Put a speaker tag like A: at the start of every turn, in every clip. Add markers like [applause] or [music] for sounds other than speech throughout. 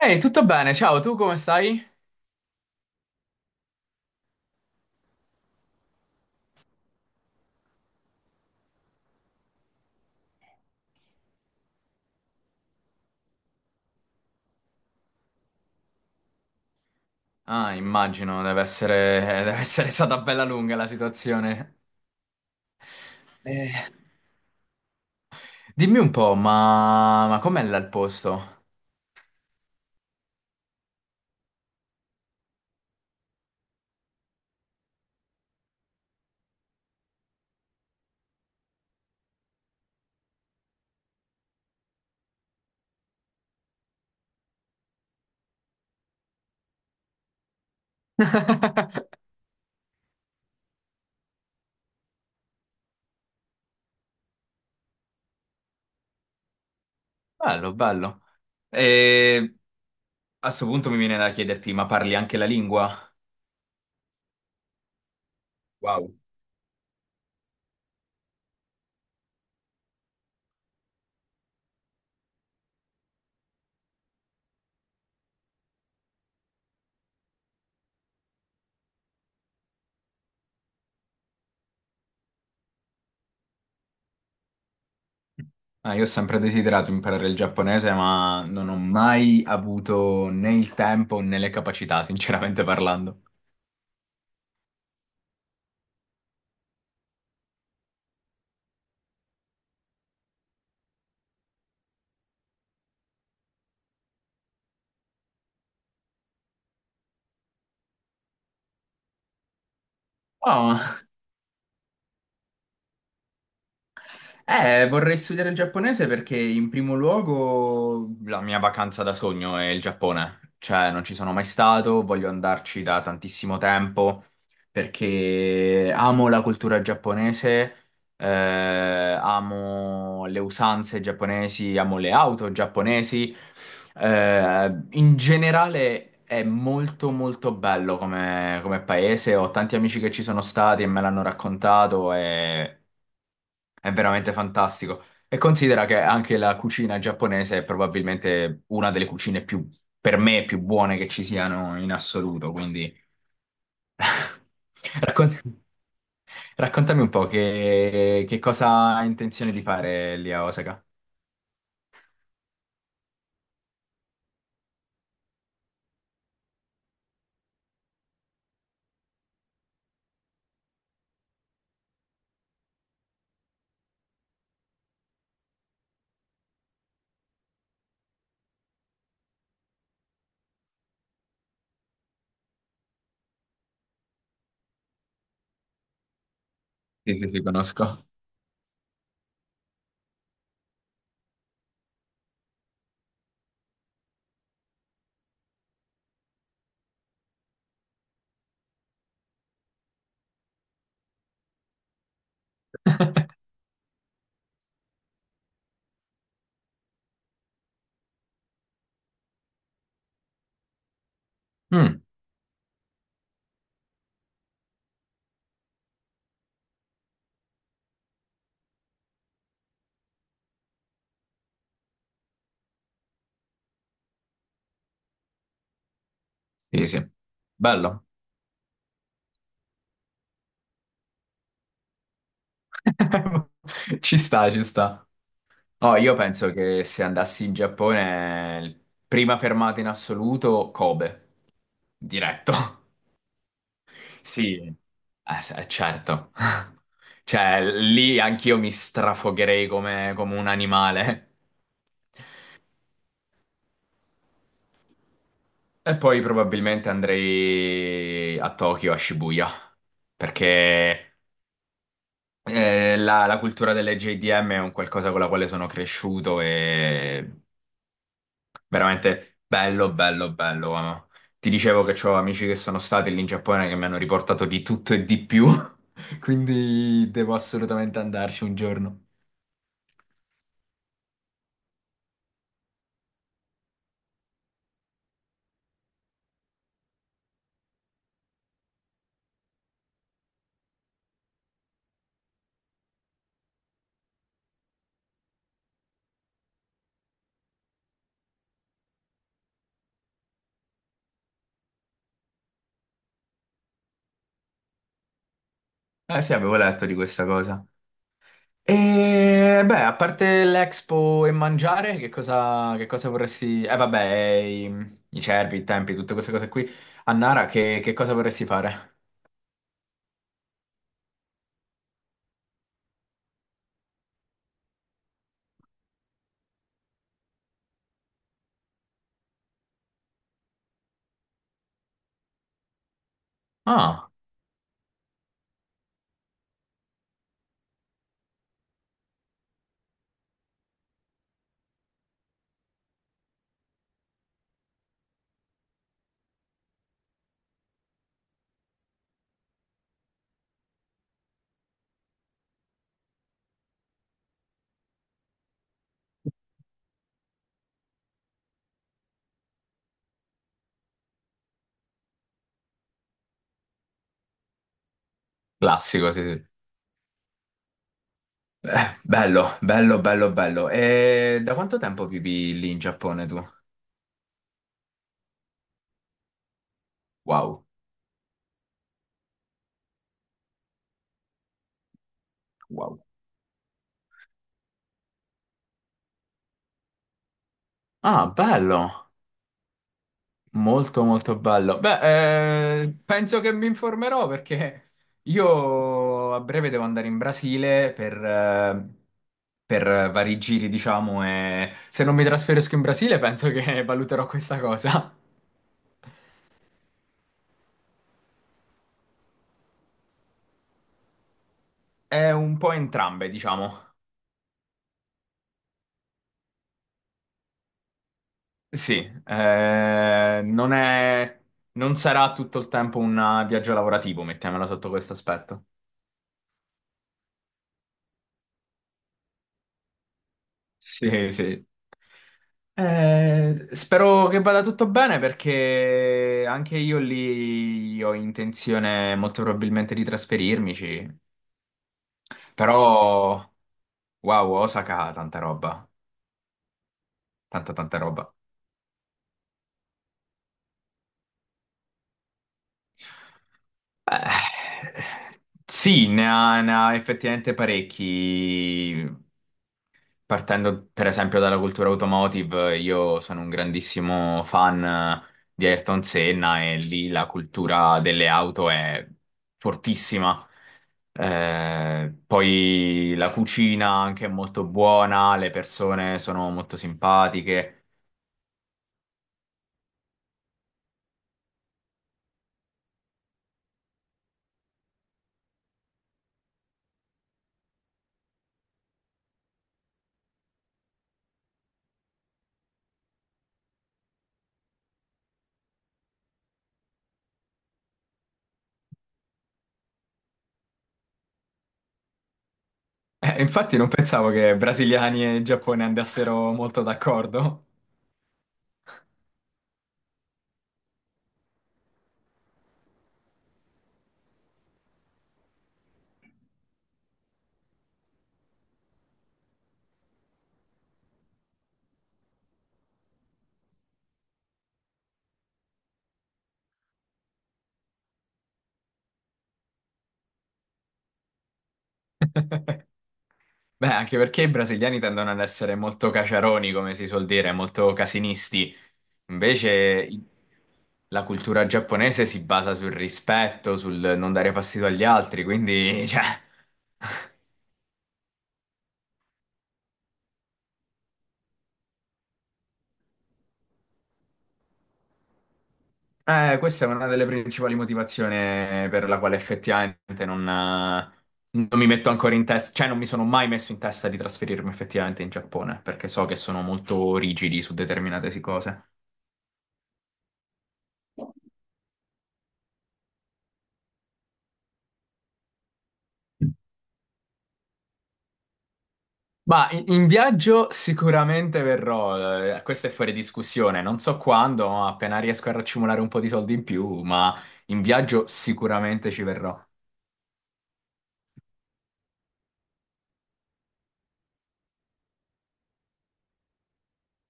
A: Ehi, tutto bene? Ciao, tu come stai? Ah, immagino, deve essere stata bella lunga la situazione. Eh, dimmi un po', ma com'è là il posto? [laughs] Bello, bello. E a sto punto mi viene da chiederti, ma parli anche la lingua? Wow. Ah, io ho sempre desiderato imparare il giapponese, ma non ho mai avuto né il tempo né le capacità, sinceramente parlando. Oh. Vorrei studiare il giapponese perché in primo luogo la mia vacanza da sogno è il Giappone. Cioè, non ci sono mai stato, voglio andarci da tantissimo tempo perché amo la cultura giapponese, amo le usanze giapponesi, amo le auto giapponesi. In generale è molto molto bello come, come paese. Ho tanti amici che ci sono stati e me l'hanno raccontato e è veramente fantastico. E considera che anche la cucina giapponese è probabilmente una delle cucine più, per me, più buone che ci siano in assoluto. Quindi [laughs] raccon- raccontami un po' che cosa hai intenzione di fare lì a Osaka. Sì, sì, sì, conosco. Mm, sì, sì. Bello. [laughs] Ci sta, ci sta. Oh, io penso che se andassi in Giappone, prima fermata in assoluto, Kobe, diretto. Sì, certo. [laughs] Cioè, lì anch'io mi strafogherei come, come un animale. E poi probabilmente andrei a Tokyo, a Shibuya, perché la cultura delle JDM è un qualcosa con la quale sono cresciuto e veramente bello, bello, bello. Ti dicevo che ho amici che sono stati lì in Giappone che mi hanno riportato di tutto e di più, [laughs] quindi devo assolutamente andarci un giorno. Eh sì, avevo letto di questa cosa. E beh, a parte l'Expo e mangiare, che cosa vorresti... Eh vabbè, i cervi, i tempi, tutte queste cose qui. A Nara, che cosa vorresti fare? Ah, classico, sì, sì. Bello, bello, bello, bello. E da quanto tempo vivi lì in Giappone tu? Wow, wow. Ah, bello. Molto molto bello. Beh, penso che mi informerò perché io a breve devo andare in Brasile per vari giri, diciamo, e se non mi trasferisco in Brasile penso che [laughs] valuterò questa cosa. È un po' entrambe, diciamo. Sì, eh, non è, non sarà tutto il tempo un viaggio lavorativo, mettiamola sotto questo aspetto. Sì, sì. Spero che vada tutto bene perché anche io lì ho intenzione molto probabilmente di trasferirmici, però wow, Osaka ha tanta roba, tanta tanta roba. Eh, sì, ne ha, ne ha effettivamente parecchi. Partendo per esempio dalla cultura automotive, io sono un grandissimo fan di Ayrton Senna e lì la cultura delle auto è fortissima. Poi la cucina anche è molto buona, le persone sono molto simpatiche. Infatti non pensavo che brasiliani e Giappone andassero molto d'accordo. Beh, anche perché i brasiliani tendono ad essere molto caciaroni, come si suol dire, molto casinisti. Invece i- la cultura giapponese si basa sul rispetto, sul non dare fastidio agli altri, quindi, cioè... [laughs] questa è una delle principali motivazioni per la quale effettivamente non mi metto ancora in testa, cioè non mi sono mai messo in testa di trasferirmi effettivamente in Giappone, perché so che sono molto rigidi su determinate cose. Ma in viaggio sicuramente verrò, questo è fuori discussione, non so quando, ma appena riesco a raccimolare un po' di soldi in più, ma in viaggio sicuramente ci verrò.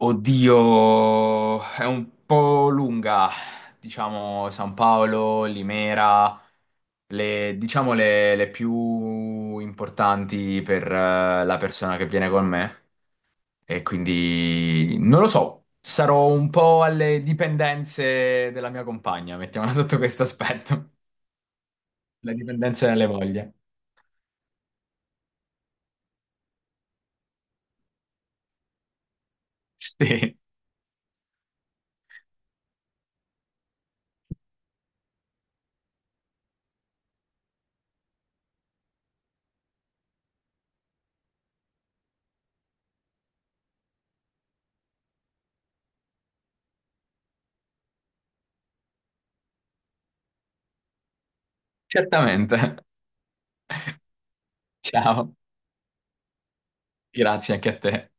A: Oddio, è un po' lunga, diciamo San Paolo, Limera, le più importanti per la persona che viene con me e quindi non lo so, sarò un po' alle dipendenze della mia compagna, mettiamola [laughs] sotto questo aspetto, le dipendenze delle voglie. Sì, certamente. Ciao, grazie anche a te.